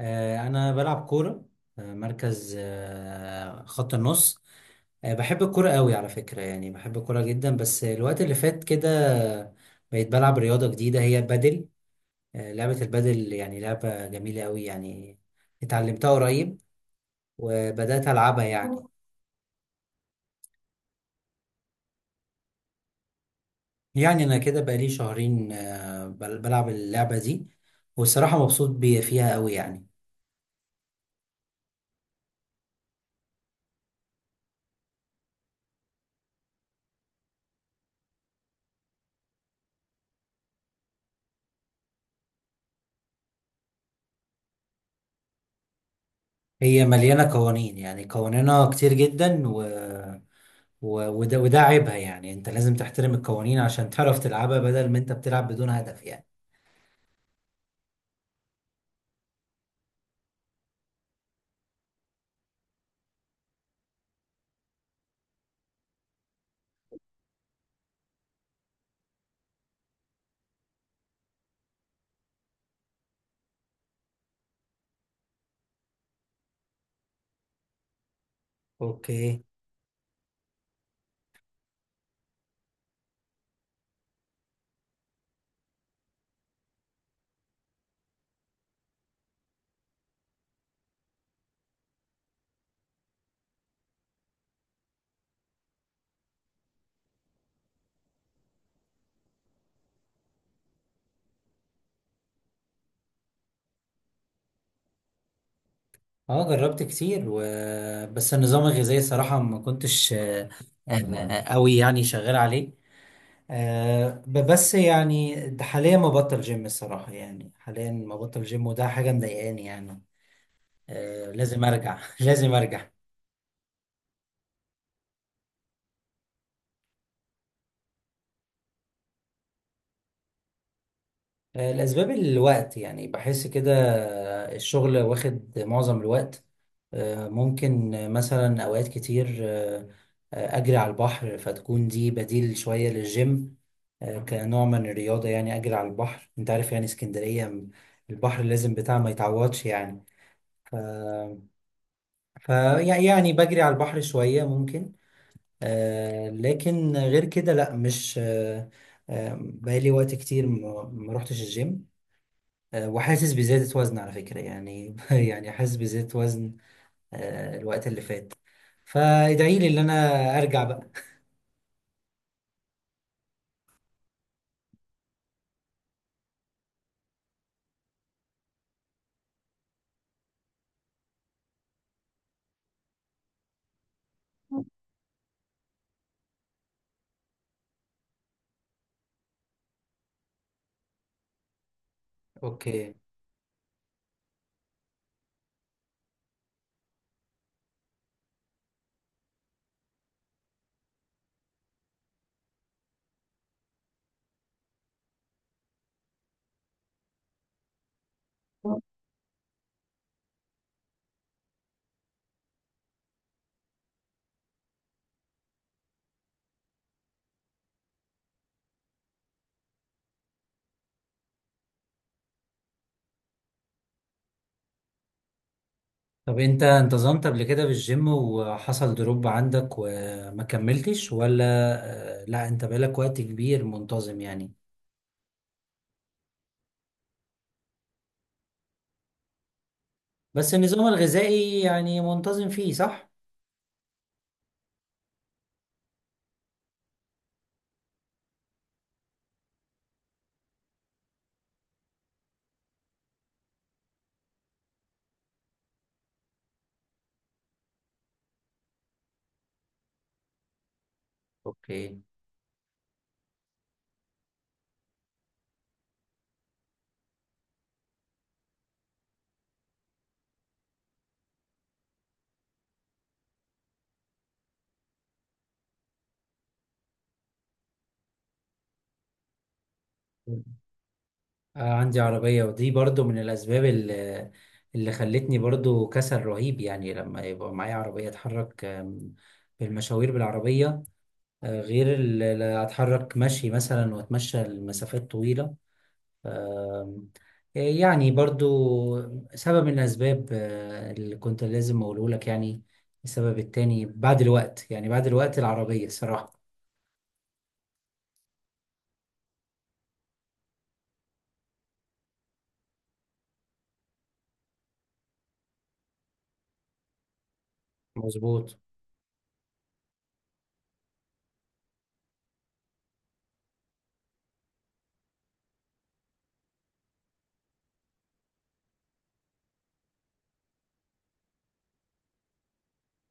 أنا بلعب كورة. مركز، خط النص. بحب الكورة قوي على فكرة، يعني بحب الكورة جدا. بس الوقت اللي فات كده بقيت بلعب رياضة جديدة، هي بدل. لعبة البدل يعني لعبة جميلة قوي يعني. اتعلمتها قريب وبدأت ألعبها يعني. يعني أنا كده بقالي شهرين بلعب اللعبة دي، والصراحة مبسوط فيها قوي يعني. هي مليانة قوانين، يعني قوانينها كتير جدا، وده عيبها. يعني انت لازم تحترم القوانين عشان تعرف تلعبها، بدل ما انت بتلعب بدون هدف يعني. اوكي. اه جربت كتير و... بس النظام الغذائي صراحة ما كنتش قوي يعني شغال عليه. بس يعني ده حاليا ما بطل جيم، الصراحة يعني حاليا ما بطل جيم، وده حاجة مضايقاني يعني. لازم ارجع. لازم ارجع. الأسباب الوقت، يعني بحس كده. الشغل واخد معظم الوقت. آه، ممكن آه، مثلا أوقات كتير أجري على البحر، فتكون دي بديل شوية للجيم، كنوع من الرياضة. يعني أجري على البحر، أنت عارف يعني اسكندرية البحر لازم بتاع ما يتعوضش يعني. فيعني بجري على البحر شوية ممكن. لكن غير كده لأ، مش بقالي وقت كتير ما روحتش الجيم. وحاسس بزيادة وزن على فكرة يعني. يعني حاسس بزيادة وزن الوقت اللي فات. فادعي لي ان انا ارجع بقى. اوكي. طب انت انتظمت قبل كده بالجيم وحصل دروب عندك وما كملتش ولا لا انت بقالك وقت كبير منتظم يعني. بس النظام الغذائي يعني منتظم فيه، صح؟ اوكي. عندي عربية، ودي برضو من الأسباب اللي، اللي خلتني برضو كسل رهيب يعني. لما يبقى معايا عربية أتحرك بالمشاوير بالعربية، غير اللي أتحرك مشي مثلا وأتمشى لمسافات طويلة. آم، يعني برضو سبب من الأسباب اللي كنت لازم أقوله لك يعني. السبب التاني بعد الوقت، يعني بعد الوقت، العربية الصراحة. مظبوط.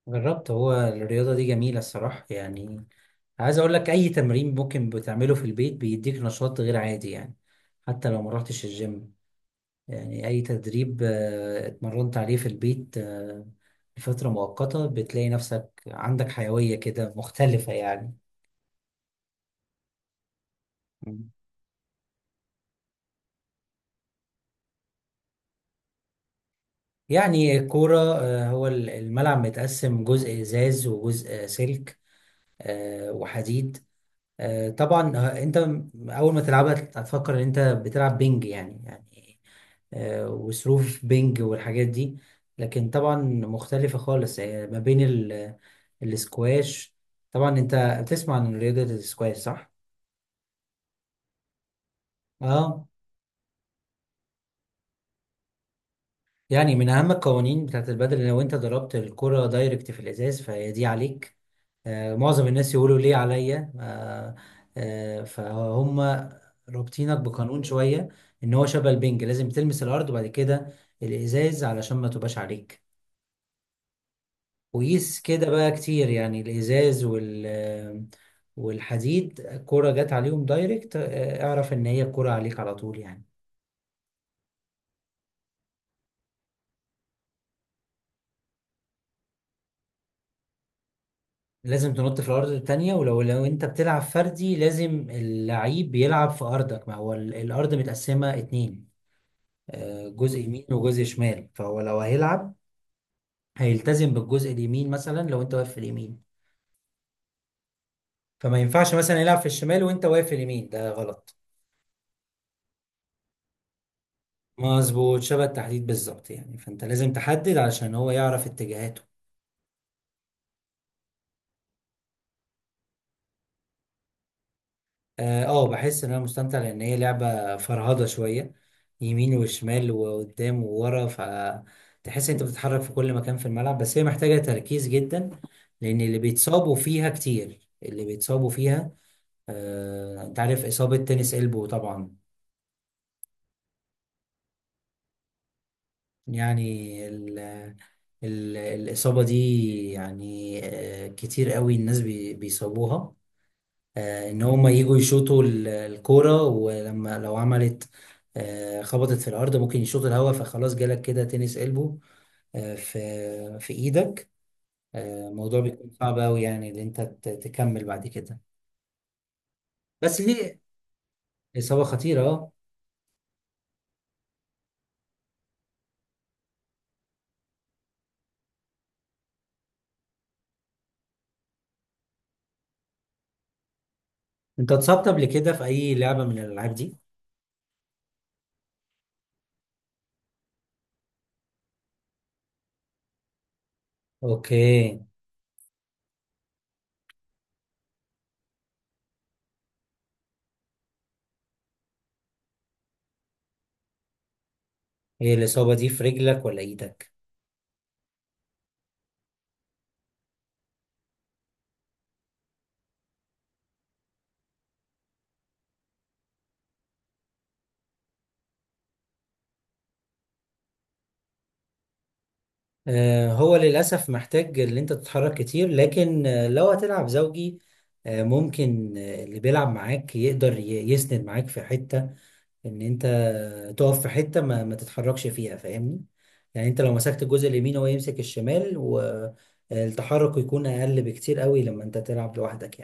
جربت. هو الرياضة دي جميلة الصراحة يعني. عايز اقول لك اي تمرين ممكن بتعمله في البيت بيديك نشاط غير عادي يعني، حتى لو ما رحتش الجيم. يعني اي تدريب اتمرنت عليه في البيت لفترة مؤقتة بتلاقي نفسك عندك حيوية كده مختلفة يعني. مم. يعني الكورة هو الملعب متقسم جزء ازاز وجزء سلك وحديد. آه، طبعا آه، انت اول ما تلعبها هتفكر ان انت بتلعب بينج يعني، يعني وسيرف بينج والحاجات دي. لكن طبعا مختلفة خالص ما بين الاسكواش. طبعا انت بتسمع عن رياضة الاسكواش، صح؟ اه. يعني من أهم القوانين بتاعت البدل، لو أنت ضربت الكرة دايركت في الإزاز فهي دي عليك. آه، معظم الناس يقولوا ليه عليا. آه آه، فهم رابطينك بقانون شوية، إن هو شبه البنج، لازم تلمس الأرض وبعد كده الإزاز علشان ما تبقاش عليك. وقيس كده بقى كتير يعني، الإزاز وال والحديد الكرة جت عليهم دايركت، اعرف إن هي الكرة عليك على طول يعني. لازم تنط في الارض التانية. ولو انت بتلعب فردي، لازم اللعيب بيلعب في ارضك، ما هو الارض متقسمة اتنين، جزء يمين وجزء شمال. فهو لو هيلعب هيلتزم بالجزء اليمين، مثلا لو انت واقف في اليمين فما ينفعش مثلا يلعب في الشمال وانت واقف في اليمين، ده غلط. مظبوط، شبه التحديد بالظبط يعني. فانت لازم تحدد علشان هو يعرف اتجاهاته. اه، بحس ان انا مستمتع، لان هي لعبة فرهضة شوية، يمين وشمال وقدام وورا، فتحس انت بتتحرك في كل مكان في الملعب. بس هي محتاجة تركيز جدا، لان اللي بيتصابوا فيها كتير، اللي بيتصابوا فيها. آه، انت عارف اصابة تنس البو طبعا. يعني ال، ال الاصابة دي، يعني آه كتير قوي الناس بيصابوها. ان هما يجوا يشوطوا الكورة، ولما لو عملت خبطت في الارض ممكن يشوط الهوا، فخلاص جالك كده تنس قلبه في ايدك. الموضوع بيكون صعب قوي، يعني ان انت تكمل بعد كده. بس دي اصابة خطيرة، اه. انت اتصبت قبل كده في اي لعبة من الالعاب دي؟ اوكي. هي الاصابة دي في رجلك ولا ايدك؟ هو للأسف محتاج اللي انت تتحرك كتير، لكن لو هتلعب زوجي، آه، ممكن آه، اللي بيلعب معاك يقدر يسند معاك في حتة، ان انت تقف في حتة ما، ما تتحركش فيها، فاهمني؟ يعني انت لو مسكت الجزء اليمين هو يمسك الشمال، والتحرك يكون اقل بكتير قوي لما انت تلعب لوحدك.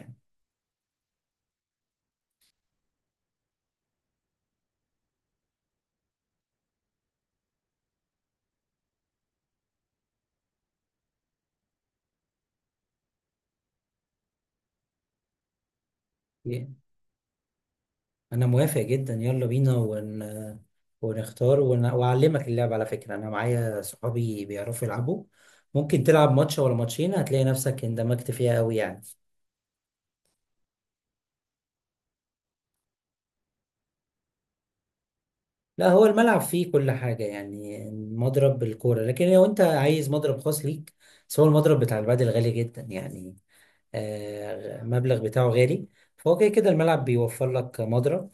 يعني انا موافق جدا، يلا بينا ون... ونختار ون... واعلمك اللعب. على فكرة انا معايا صحابي بيعرفوا يلعبوا. ممكن تلعب ماتش ولا ماتشين هتلاقي نفسك اندمجت فيها قوي يعني. لا، هو الملعب فيه كل حاجة، يعني مضرب الكورة. لكن لو انت عايز مضرب خاص ليك، بس هو المضرب بتاع البادل غالي جدا يعني، مبلغ بتاعه غالي. فهو كده كده الملعب بيوفر لك مضرب،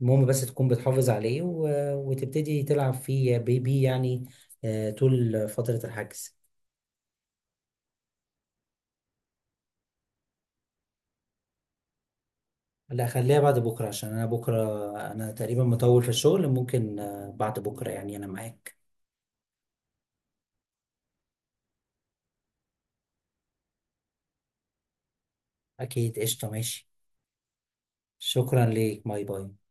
المهم بس تكون بتحافظ عليه وتبتدي تلعب فيه بي يعني طول فترة الحجز. لا خليها بعد بكرة، عشان أنا بكرة أنا تقريبا مطول في الشغل. ممكن بعد بكرة يعني أنا معاك. أكيد، قشطة، ماشي. شكرا ليك، باي باي.